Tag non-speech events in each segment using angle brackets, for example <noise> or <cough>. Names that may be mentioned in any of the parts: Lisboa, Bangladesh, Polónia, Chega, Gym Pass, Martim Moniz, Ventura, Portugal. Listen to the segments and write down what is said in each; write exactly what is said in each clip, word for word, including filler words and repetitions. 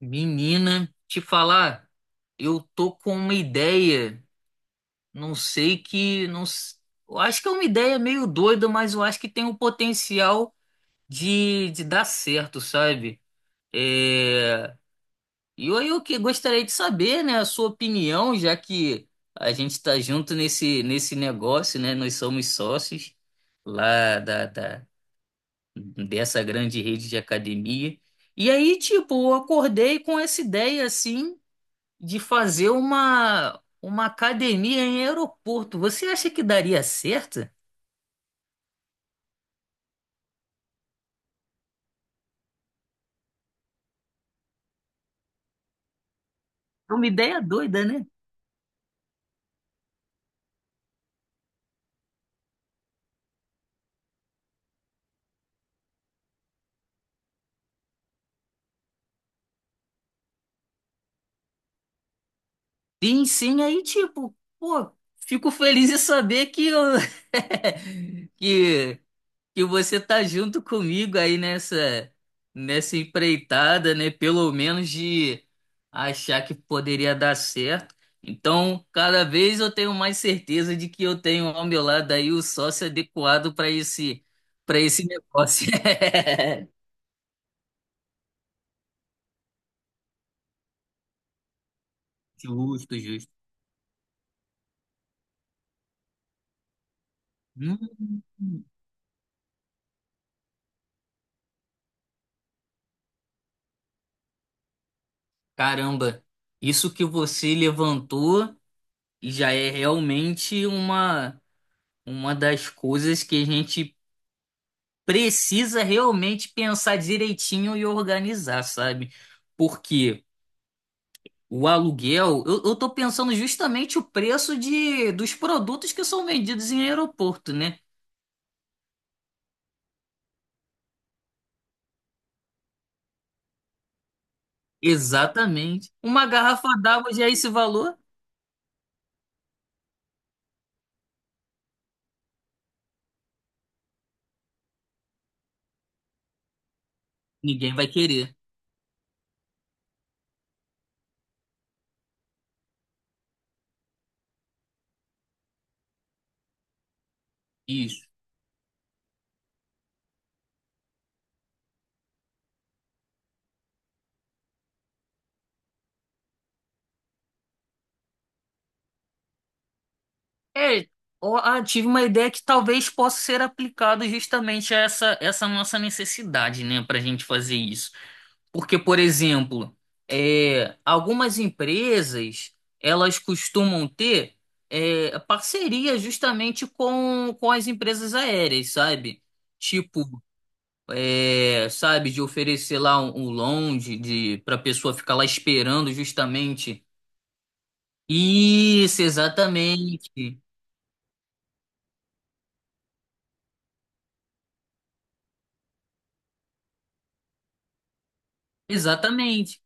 Menina, te falar, eu tô com uma ideia, não sei que, não, s- eu acho que é uma ideia meio doida, mas eu acho que tem o potencial de, de dar certo, sabe? É, e eu, eu que gostaria de saber, né, a sua opinião, já que a gente tá junto nesse, nesse negócio, né? Nós somos sócios lá da, da- dessa grande rede de academia. E aí, tipo, eu acordei com essa ideia assim, de fazer uma, uma academia em aeroporto. Você acha que daria certo? É uma ideia doida, né? Sim, sim, aí tipo, pô, fico feliz em saber que eu, <laughs> que que você tá junto comigo aí nessa nessa empreitada, né? Pelo menos de achar que poderia dar certo. Então, cada vez eu tenho mais certeza de que eu tenho ao meu lado aí o sócio adequado para esse para esse negócio. <laughs> Justo, justo. Hum, caramba, isso que você levantou já é realmente uma uma das coisas que a gente precisa realmente pensar direitinho e organizar, sabe? Porque o aluguel, eu, eu tô pensando justamente o preço de, dos produtos que são vendidos em aeroporto, né? Exatamente. Uma garrafa d'água já é esse valor? Ninguém vai querer. Isso. É, ó, ah, tive uma ideia que talvez possa ser aplicado justamente a essa, essa nossa necessidade, né, para a gente fazer isso. Porque, por exemplo, é, algumas empresas elas costumam ter é, parceria justamente com, com as empresas aéreas, sabe? Tipo, é, sabe, de oferecer lá um, um lounge de, para a pessoa ficar lá esperando justamente. Isso, exatamente. Exatamente.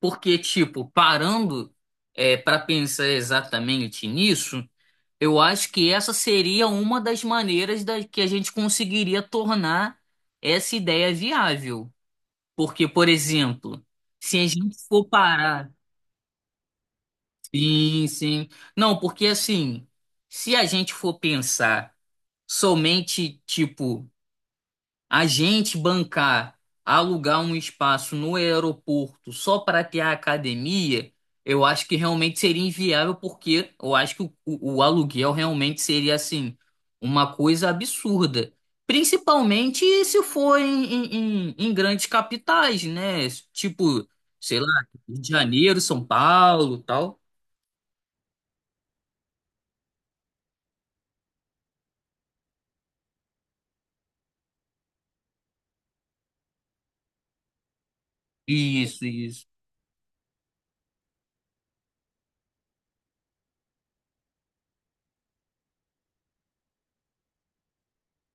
Porque, tipo, parando é, para pensar exatamente nisso. Eu acho que essa seria uma das maneiras da, que a gente conseguiria tornar essa ideia viável. Porque, por exemplo, se a gente for parar. Sim, sim. Não, porque assim, se a gente for pensar somente, tipo, a gente bancar, alugar um espaço no aeroporto só para ter a academia, eu acho que realmente seria inviável, porque eu acho que o, o- o aluguel realmente seria assim, uma coisa absurda. Principalmente se for em, em- em- em grandes capitais, né? Tipo, sei lá, Rio de Janeiro, São Paulo, tal. Isso, isso.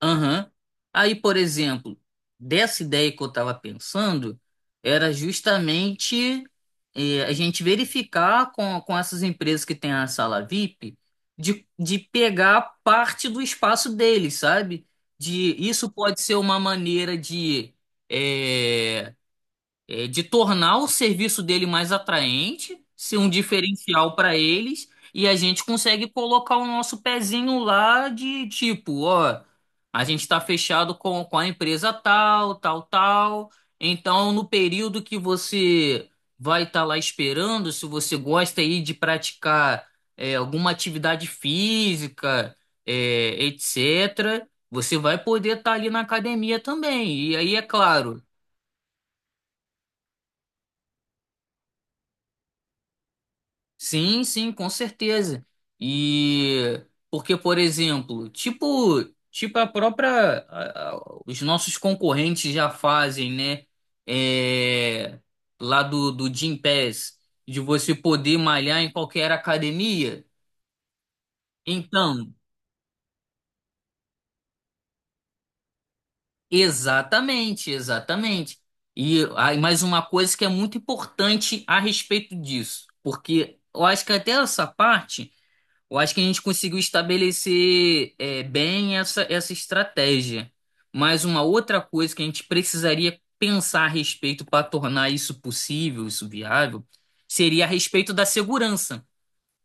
Aham. Aí, por exemplo, dessa ideia que eu estava pensando, era justamente eh, a gente verificar com, com essas empresas que têm a sala V I P de, de pegar parte do espaço deles, sabe? De, isso pode ser uma maneira de eh, é, de tornar o serviço dele mais atraente, ser um diferencial para eles, e a gente consegue colocar o nosso pezinho lá de tipo, ó, a gente está fechado com, com a empresa tal, tal, tal. Então, no período que você vai estar lá esperando, se você gosta aí de praticar é, alguma atividade física, é, etecetera, você vai poder estar ali na academia também. E aí, é claro. Sim, sim, com certeza. E porque, por exemplo, tipo, tipo a própria, a- a- os nossos concorrentes já fazem, né? É, lá do, do Gym Pass, de você poder malhar em qualquer academia. Então, exatamente, exatamente. E aí, mais uma coisa que é muito importante a respeito disso, porque eu acho que até essa parte. Eu acho que a gente conseguiu estabelecer é, bem essa, essa estratégia. Mas uma outra coisa que a gente precisaria pensar a respeito para tornar isso possível, isso viável, seria a respeito da segurança.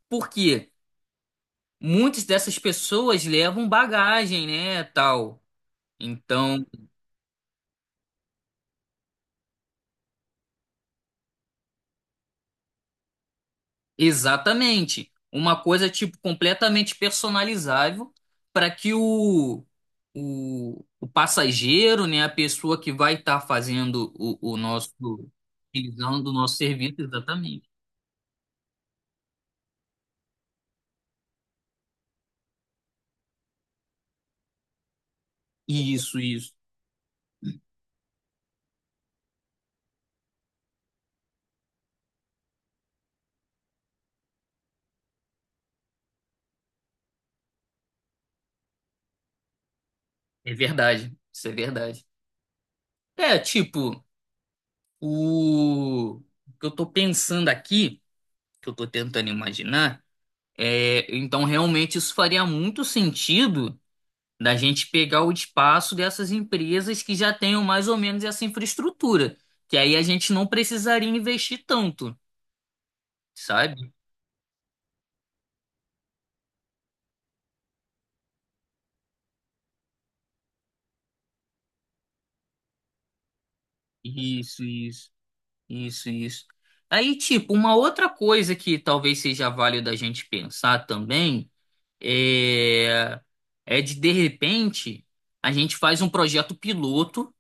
Porque muitas dessas pessoas levam bagagem, né, tal. Então, exatamente. Uma coisa tipo completamente personalizável para que o, o, o passageiro, né, a pessoa que vai estar fazendo o, o nosso, utilizando o nosso serviço, exatamente. Isso, isso. É verdade. Isso é verdade. É, tipo, o, o que eu tô pensando aqui, que eu tô tentando imaginar, é, então realmente isso faria muito sentido da gente pegar o espaço dessas empresas que já tenham mais ou menos essa infraestrutura, que aí a gente não precisaria investir tanto, sabe? Isso, isso, isso, isso. Aí, tipo, uma outra coisa que talvez seja válida a gente pensar também é, é de, de repente, a gente faz um projeto piloto.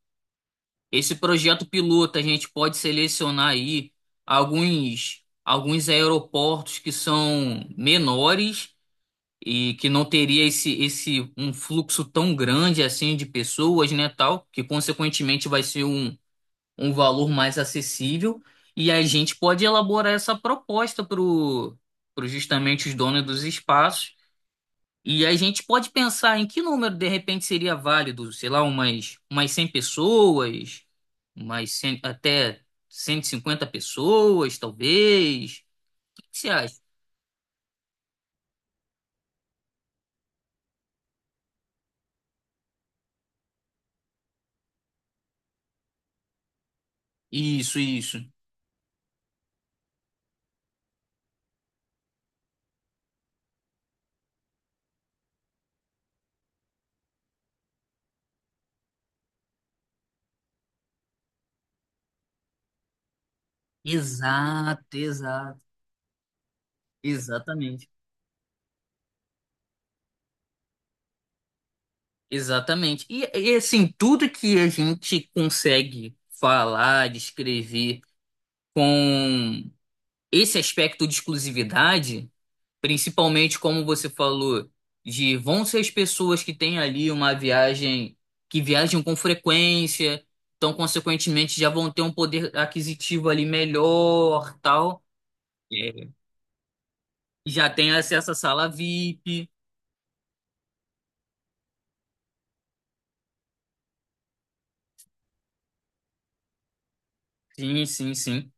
Esse projeto piloto a gente pode selecionar aí alguns, alguns aeroportos que são menores e que não teria esse, esse um fluxo tão grande assim de pessoas, né, tal, que consequentemente vai ser um, um valor mais acessível e a gente pode elaborar essa proposta para pro pro justamente os donos dos espaços e a gente pode pensar em que número de repente seria válido, sei lá, umas, umas cem pessoas, umas cem, até cento e cinquenta pessoas, talvez. O que que você acha? Isso, isso. Exato, exato. Exatamente, exatamente. E, e, assim, tudo que a gente consegue falar, descrever com esse aspecto de exclusividade, principalmente como você falou, de vão ser as pessoas que têm ali uma viagem, que viajam com frequência, então, consequentemente, já vão ter um poder aquisitivo ali melhor, tal. É. Já tem acesso à sala V I P. Sim, sim, sim.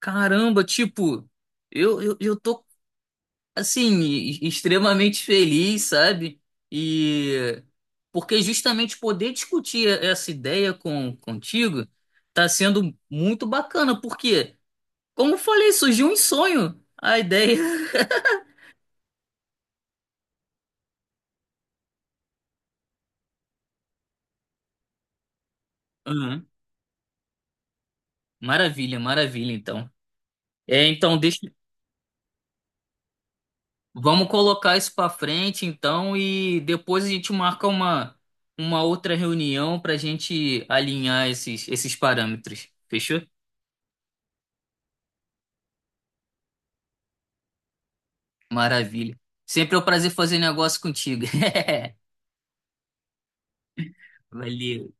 Caramba, tipo. Eu, eu, eu tô assim, e- extremamente feliz, sabe? E porque justamente poder discutir essa ideia com contigo tá sendo muito bacana, porque, como eu falei, surgiu um sonho, a ideia. <laughs> Uhum. Maravilha, maravilha, então. É, então deixa, vamos colocar isso pra frente, então, e depois a gente marca uma uma outra reunião pra gente alinhar esses esses parâmetros. Fechou? Maravilha. Sempre é um prazer fazer negócio contigo. <laughs> Valeu.